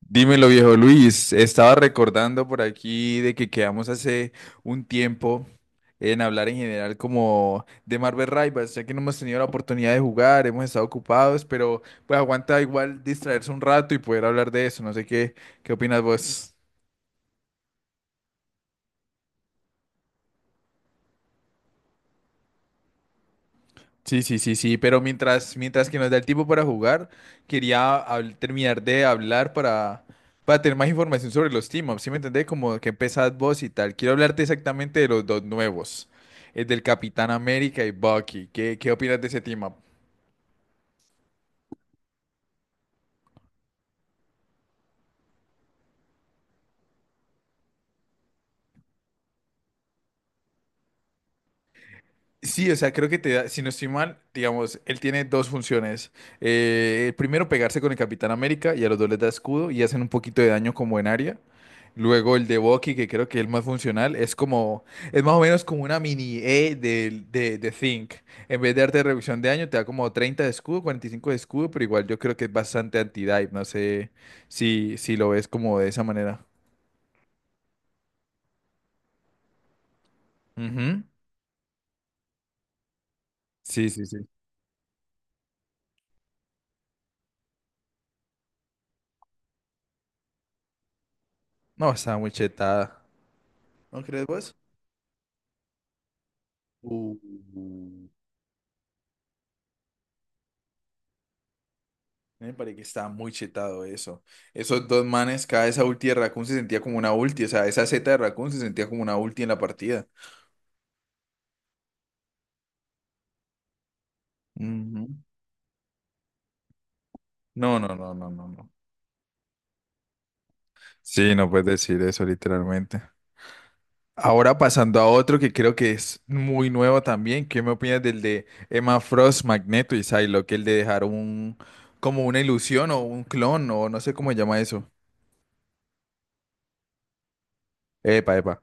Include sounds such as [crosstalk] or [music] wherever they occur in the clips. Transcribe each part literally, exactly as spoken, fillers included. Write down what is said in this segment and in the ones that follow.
Dímelo, viejo Luis. Estaba recordando por aquí de que quedamos hace un tiempo en hablar en general como de Marvel Rivals, ya que no hemos tenido la oportunidad de jugar, hemos estado ocupados, pero pues aguanta igual distraerse un rato y poder hablar de eso. No sé qué, qué opinas vos. Sí, sí, sí, sí, pero mientras, mientras que nos da el tiempo para jugar, quería habl- terminar de hablar para, para tener más información sobre los team-ups, ¿sí me entendés? Como que empezás vos y tal. Quiero hablarte exactamente de los dos nuevos, el del Capitán América y Bucky. ¿Qué, qué opinas de ese team-up? Sí, o sea, creo que te da, si no estoy mal, digamos, él tiene dos funciones. Eh, primero, pegarse con el Capitán América y a los dos les da escudo y hacen un poquito de daño como en área. Luego el de Bucky, que creo que es el más funcional, es como, es más o menos como una mini E de, de, de Think. En vez de darte reducción de daño, te da como treinta de escudo, cuarenta y cinco de escudo, pero igual yo creo que es bastante anti-dive. No sé si, si lo ves como de esa manera. Ujú. Sí, sí, sí. No, está muy chetada. ¿No crees vos? Uh. Me parece que estaba muy chetado eso. Esos dos manes, cada esa ulti de Raccoon se sentía como una ulti. O sea, esa Z de Raccoon se sentía como una ulti en la partida. Ujú. No, no, no, no, no, no. Sí, no puedes decir eso literalmente. Ahora pasando a otro que creo que es muy nuevo también. ¿Qué me opinas del de Emma Frost, Magneto y Psylocke? El de dejar un, como una ilusión o un clon o no sé cómo se llama eso. Epa, epa.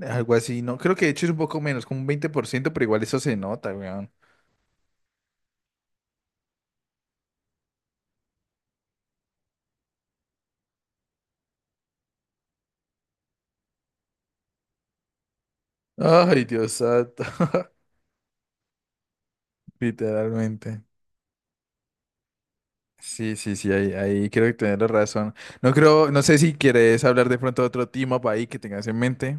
Algo así, no, creo que de hecho es un poco menos, como un veinte por ciento pero igual eso se nota, weón. Ay, Dios santo. [laughs] Literalmente. Sí, sí, sí, ahí, ahí creo que tienes la razón. No creo, no sé si quieres hablar de pronto de otro team up ahí que tengas en mente.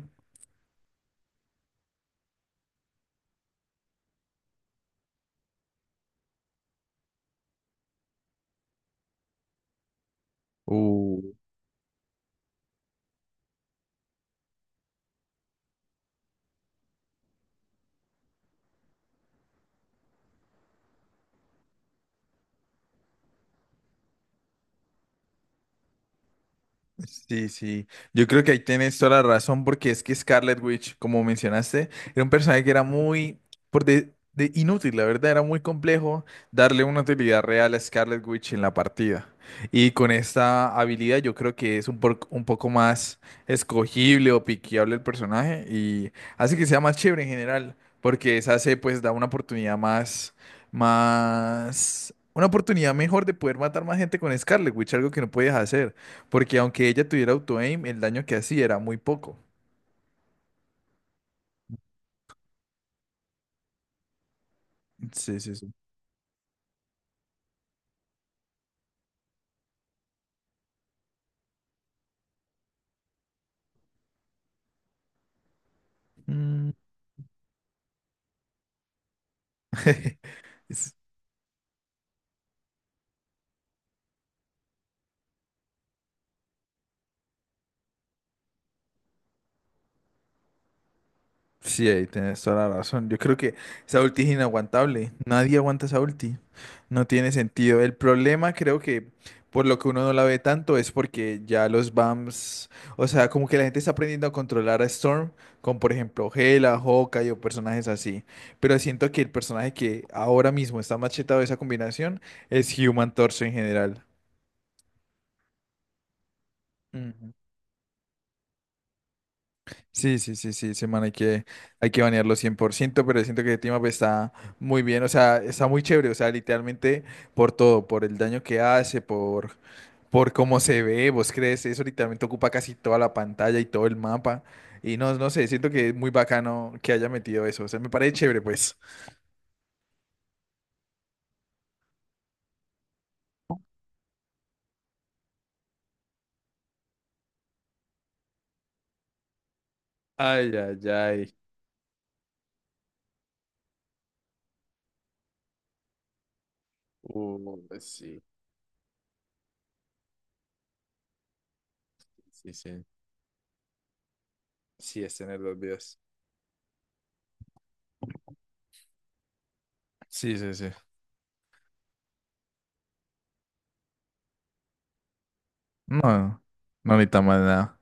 Sí, sí. Yo creo que ahí tienes toda la razón porque es que Scarlet Witch, como mencionaste, era un personaje que era muy por de, de inútil, la verdad, era muy complejo darle una utilidad real a Scarlet Witch en la partida. Y con esta habilidad yo creo que es un, por- un poco más escogible o piqueable el personaje y hace que sea más chévere en general, porque esa se pues da una oportunidad más, más, una oportunidad mejor de poder matar más gente con Scarlet Witch, algo que no podías hacer. Porque aunque ella tuviera auto-aim, el daño que hacía era muy poco. Sí, sí, sí. Mm. [laughs] Es- Sí, ahí tienes toda la razón. Yo creo que esa ulti es inaguantable. Nadie aguanta esa ulti. No tiene sentido. El problema creo que por lo que uno no la ve tanto es porque ya los B A Ms, o sea, como que la gente está aprendiendo a controlar a Storm con, por ejemplo, Gela, Hawkeye o personajes así. Pero siento que el personaje que ahora mismo está machetado de esa combinación es Human Torso en general. Sí, sí, sí, sí, semana hay que, hay que banearlo cien por ciento pero siento que Team Up está muy bien, o sea, está muy chévere, o sea, literalmente por todo, por el daño que hace, por, por cómo se ve, vos crees, eso literalmente ocupa casi toda la pantalla y todo el mapa, y no, no sé, siento que es muy bacano que haya metido eso, o sea, me parece chévere, pues. Ay, ay, ay. Uh, sí, sí, sí. Sí, es tener dos vidas. Sí, sí, sí. No, no necesita más nada.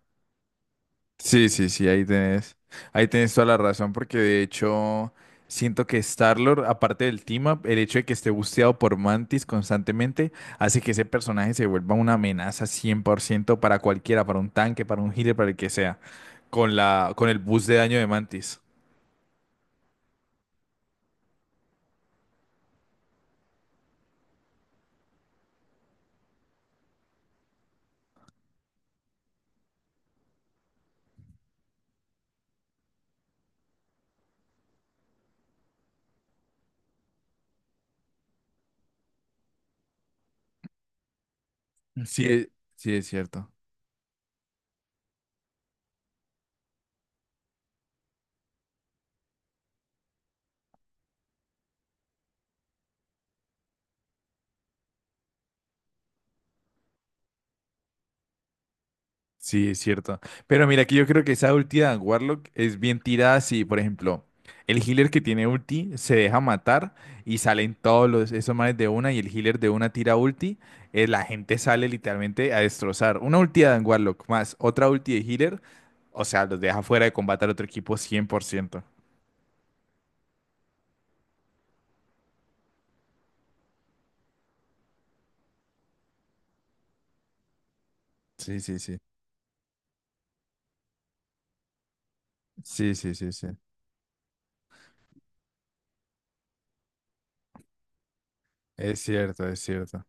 Sí, sí, sí, ahí tenés, ahí tenés toda la razón, porque de hecho siento que Star-Lord, aparte del team-up, el hecho de que esté busteado por Mantis constantemente hace que ese personaje se vuelva una amenaza cien por ciento para cualquiera, para un tanque, para un healer, para el que sea, con la, con el boost de daño de Mantis. Sí, es- sí es cierto. Sí, es cierto. Pero mira, que yo creo que esa ulti de Warlock es bien tirada si, por ejemplo, el healer que tiene ulti se deja matar y salen todos los, esos manes de una y el healer de una tira ulti, eh, la gente sale literalmente a destrozar. Una ulti de Warlock más otra ulti de healer, o sea, los deja fuera de combate al otro equipo cien por ciento. Sí, sí, sí. Sí, sí, sí, sí. Es cierto, es cierto.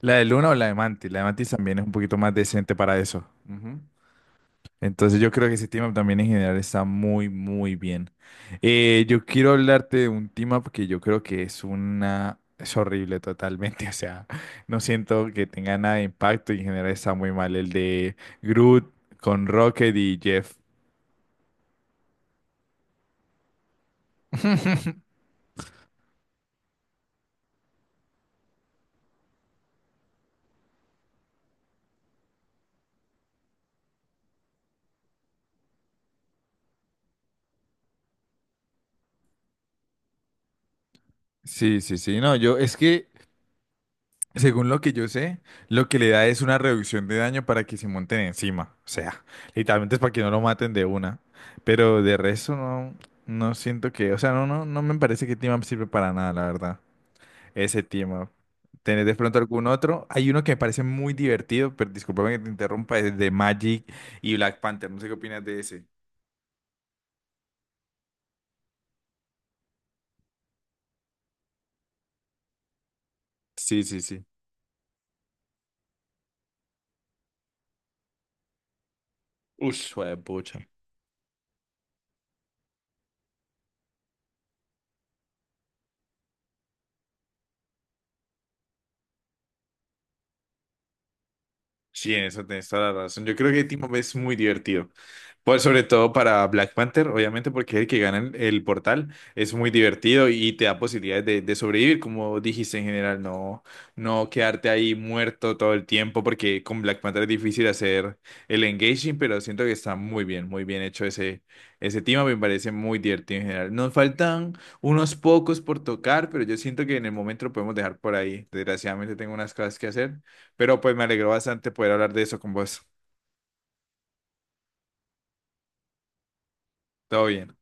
La de Luna o la de Mantis. La de Mantis también es un poquito más decente para eso. Ujú. Entonces yo creo que ese team up también en general está muy, muy bien. Eh, yo quiero hablarte de un team up que yo creo que es una... Es horrible totalmente, [laughs] o sea, no siento que tenga nada de impacto y en general está muy mal el de Groot con Rocket y Jeff. [laughs] Sí, sí, sí, no, yo es que Según lo que yo sé, lo que le da es una reducción de daño para que se monten encima. O sea, literalmente es para que no lo maten de una. Pero de resto no, no siento que, o sea, no, no, no me parece que team up sirve para nada, la verdad. Ese team up. ¿Tenés de pronto algún otro? Hay uno que me parece muy divertido, pero discúlpame que te interrumpa, es de Magic y Black Panther. No sé qué opinas de ese. Sí, sí, sí. Ush, pucha. Sí, en eso tienes toda la razón. Yo creo que Team Up es muy divertido. Pues sobre todo para Black Panther, obviamente, porque es el que gana el, el portal. Es muy divertido y te da posibilidades de, de sobrevivir, como dijiste en general, no, no quedarte ahí muerto todo el tiempo, porque con Black Panther es difícil hacer el engaging, pero siento que está muy bien, muy bien hecho ese, ese team up, me parece muy divertido en general. Nos faltan unos pocos por tocar, pero yo siento que en el momento lo podemos dejar por ahí. Desgraciadamente tengo unas cosas que hacer. Pero pues me alegró bastante poder hablar de eso con vos. Todo bien.